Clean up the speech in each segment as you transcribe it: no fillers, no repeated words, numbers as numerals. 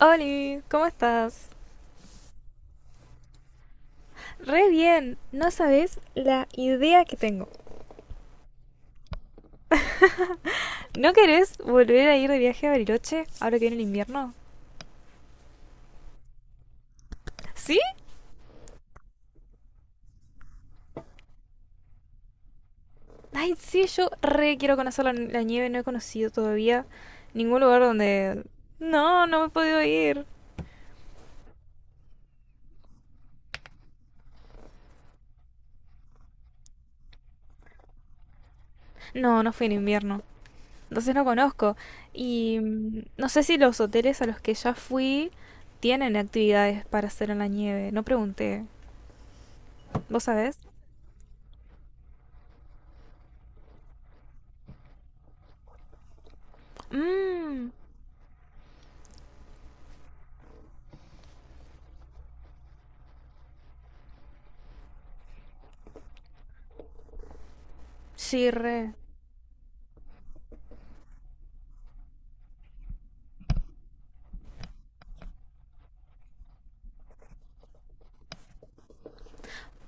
Oli, ¿cómo estás? Re bien, no sabes la idea que tengo. ¿No querés volver a ir de viaje a Bariloche ahora que viene el invierno? ¿Sí? Ay, sí, yo re quiero conocer la nieve, no he conocido todavía ningún lugar donde. No, no he podido ir. No, no fui en invierno. Entonces no conozco. Y no sé si los hoteles a los que ya fui tienen actividades para hacer en la nieve. No pregunté. ¿Vos sabés? Mmm, sí, re.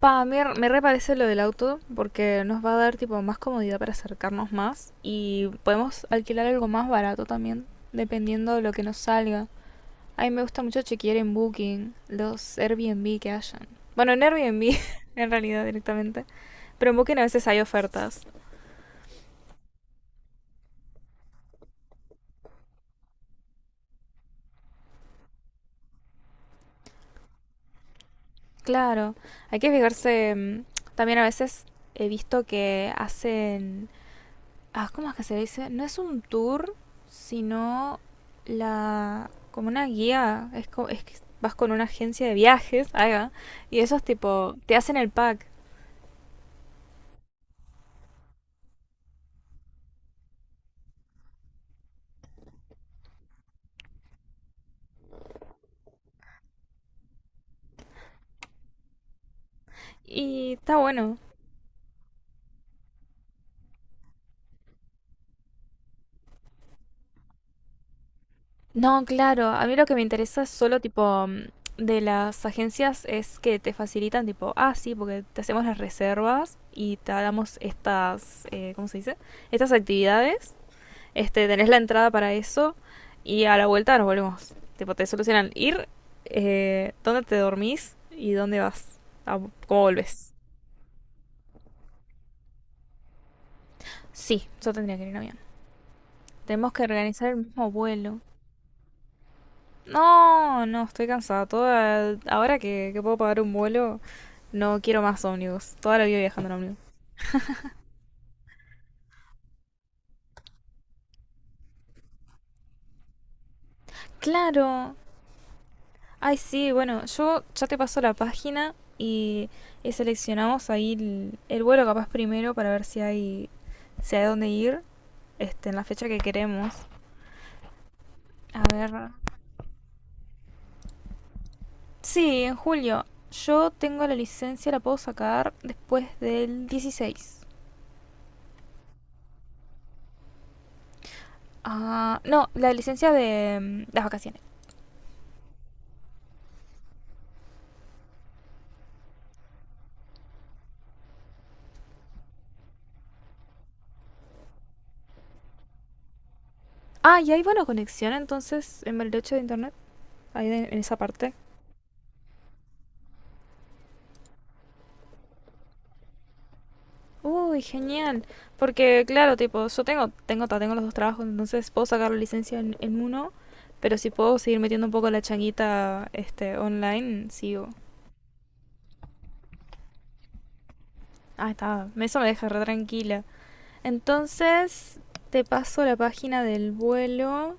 Pa, a mí me reparece lo del auto porque nos va a dar tipo más comodidad para acercarnos más y podemos alquilar algo más barato también, dependiendo de lo que nos salga. A mí me gusta mucho chequear en Booking los Airbnb que hayan. Bueno, en Airbnb en realidad directamente, pero en Booking a veces hay ofertas. Claro, hay que fijarse. También a veces he visto que hacen ah, ¿cómo es que se dice? No es un tour, sino la como una guía, es que vas con una agencia de viajes, ahí va, y esos tipo te hacen el pack y está bueno. No, claro, a mí lo que me interesa es solo tipo de las agencias es que te facilitan tipo, ah, sí, porque te hacemos las reservas y te damos estas, ¿cómo se dice? Estas actividades. Este, tenés la entrada para eso y a la vuelta nos volvemos. Tipo, te solucionan ir, dónde te dormís y dónde vas, a- cómo volvés. Sí, yo tendría que ir en avión. Tenemos que organizar el mismo vuelo. No, no, estoy cansada. Toda, ahora que puedo pagar un vuelo, no quiero más ómnibus. Toda la vida viajando en ómnibus. Claro. Ay, sí, bueno, yo ya te paso la página y seleccionamos ahí el vuelo capaz primero para ver si hay dónde ir. Este, en la fecha que queremos. A ver. Sí, en julio. Yo tengo la licencia, la puedo sacar después del 16. Ah, no, la licencia de las vacaciones. Ah, y hay buena conexión entonces en Bariloche de internet. Ahí en esa parte. Uy, genial. Porque, claro, tipo, yo tengo los dos trabajos, entonces puedo sacar la licencia en uno, pero si puedo seguir metiendo un poco la changuita este, online, sigo. Ah, está. Eso me deja re tranquila. Entonces, te paso la página del vuelo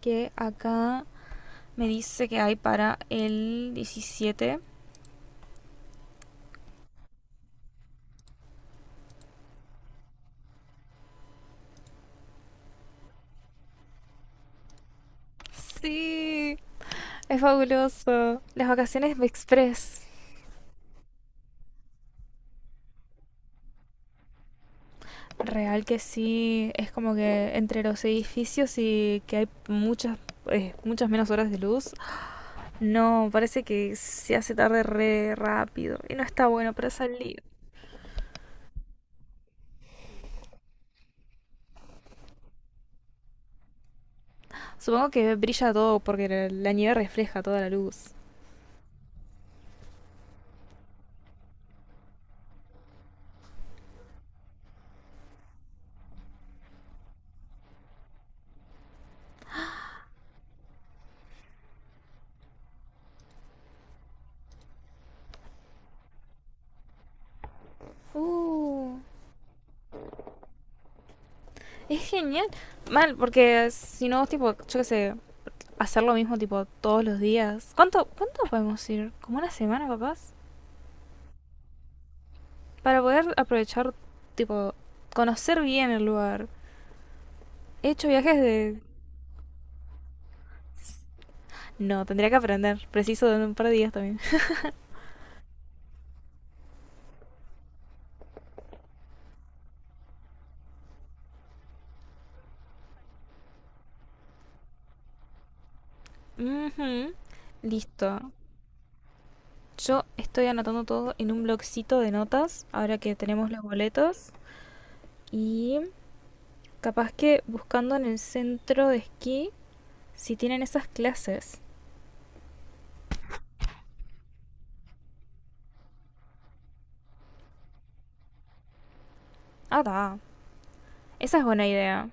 que acá me dice que hay para el 17. Sí, es fabuloso. Las vacaciones de Express. Real que sí, es como que entre los edificios y que hay muchas menos horas de luz. No, parece que se hace tarde re rápido y no está bueno para salir. Supongo que brilla todo porque la nieve refleja toda la luz. Uh, Es genial. Mal, porque si no, tipo, yo qué sé, hacer lo mismo, tipo, todos los días. ¿Cuánto podemos ir? ¿Como una semana, capaz? Para poder aprovechar, tipo, conocer bien el lugar. He hecho viajes de. No, tendría que aprender. Preciso de un par de días también. Ujú. Listo. Yo estoy anotando todo en un blogcito de notas, ahora que tenemos los boletos. Y capaz que buscando en el centro de esquí si tienen esas clases. Ah, ta. Esa es buena idea.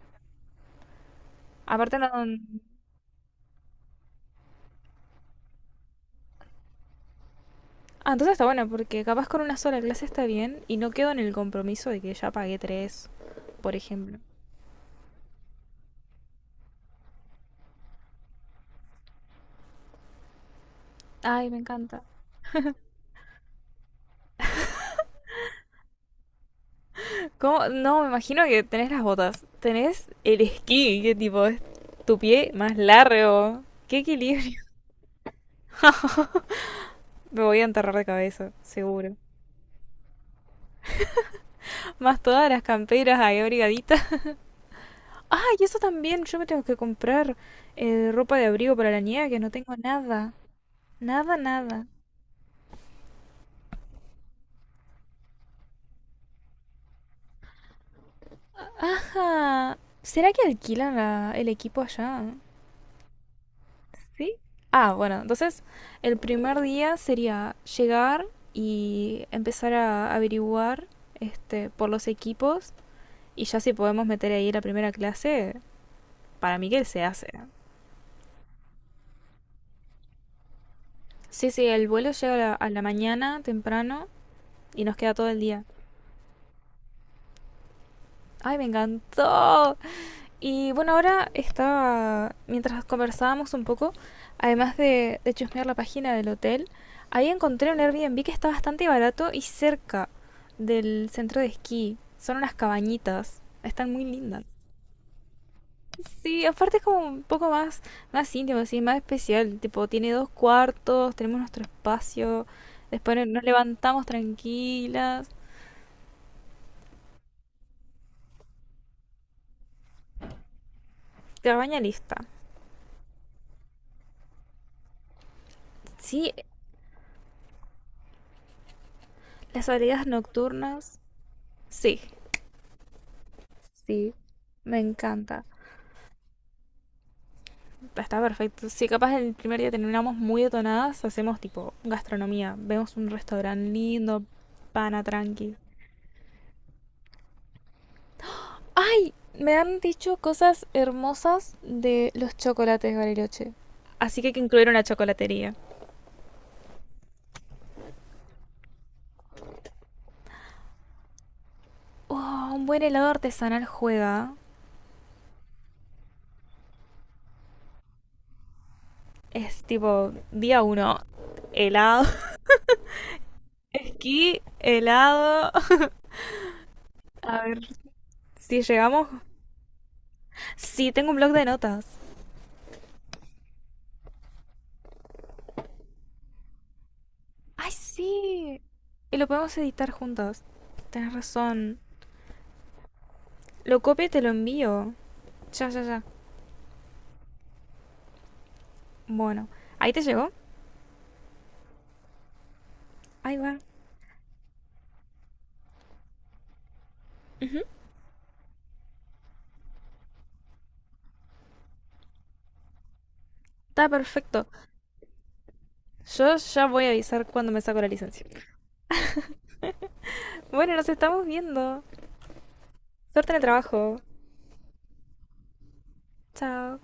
Aparte no. Ah, entonces está bueno, porque capaz con una sola clase está bien y no quedo en el compromiso de que ya pagué tres, por ejemplo. Ay, me encanta. ¿Cómo? No, me imagino que tenés las botas. Tenés el esquí, que tipo es tu pie más largo. ¡Qué equilibrio! Me voy a enterrar de cabeza, seguro. Más todas las camperas ahí abrigaditas. ¡Ah, y eso también! Yo me tengo que comprar ropa de abrigo para la nieve, que no tengo nada. Nada, nada. Ajá. ¿Será que alquilan el equipo allá? Sí, ah, bueno, entonces el primer día sería llegar y empezar a averiguar este, por los equipos y ya si podemos meter ahí la primera clase, para mí que se hace. Sí, sí, el vuelo llega a la mañana temprano y nos queda todo el día. ¡Ay, me encantó! Y bueno, ahora estaba, mientras conversábamos un poco, además de chusmear la página del hotel, ahí encontré un Airbnb que está bastante barato y cerca del centro de esquí. Son unas cabañitas, están muy lindas. Sí, aparte es como un poco más íntimo, así, más especial. Tipo, tiene dos cuartos, tenemos nuestro espacio, después no, nos levantamos tranquilas. Cabaña lista. Sí, las salidas nocturnas, sí, sí, me encanta. Está perfecto. Sí, capaz el primer día terminamos muy detonadas, hacemos tipo gastronomía, vemos un restaurante lindo, pana tranqui. ¡Ay! Me han dicho cosas hermosas de los chocolates Bariloche. Así que hay que incluir una chocolatería. Oh, un buen helado artesanal juega. Es tipo día uno. Helado. Esquí, helado. A ver si llegamos. Sí, tengo un blog de notas. ¡Ay, sí! Y lo podemos editar juntos. Tenés razón. Lo copio y te lo envío. Ya, ya, ya. Bueno, ¿ahí te llegó? Ahí va. Está perfecto. Yo ya voy a avisar cuando me saco la licencia. Bueno, nos estamos viendo. Suerte en el trabajo. Chao.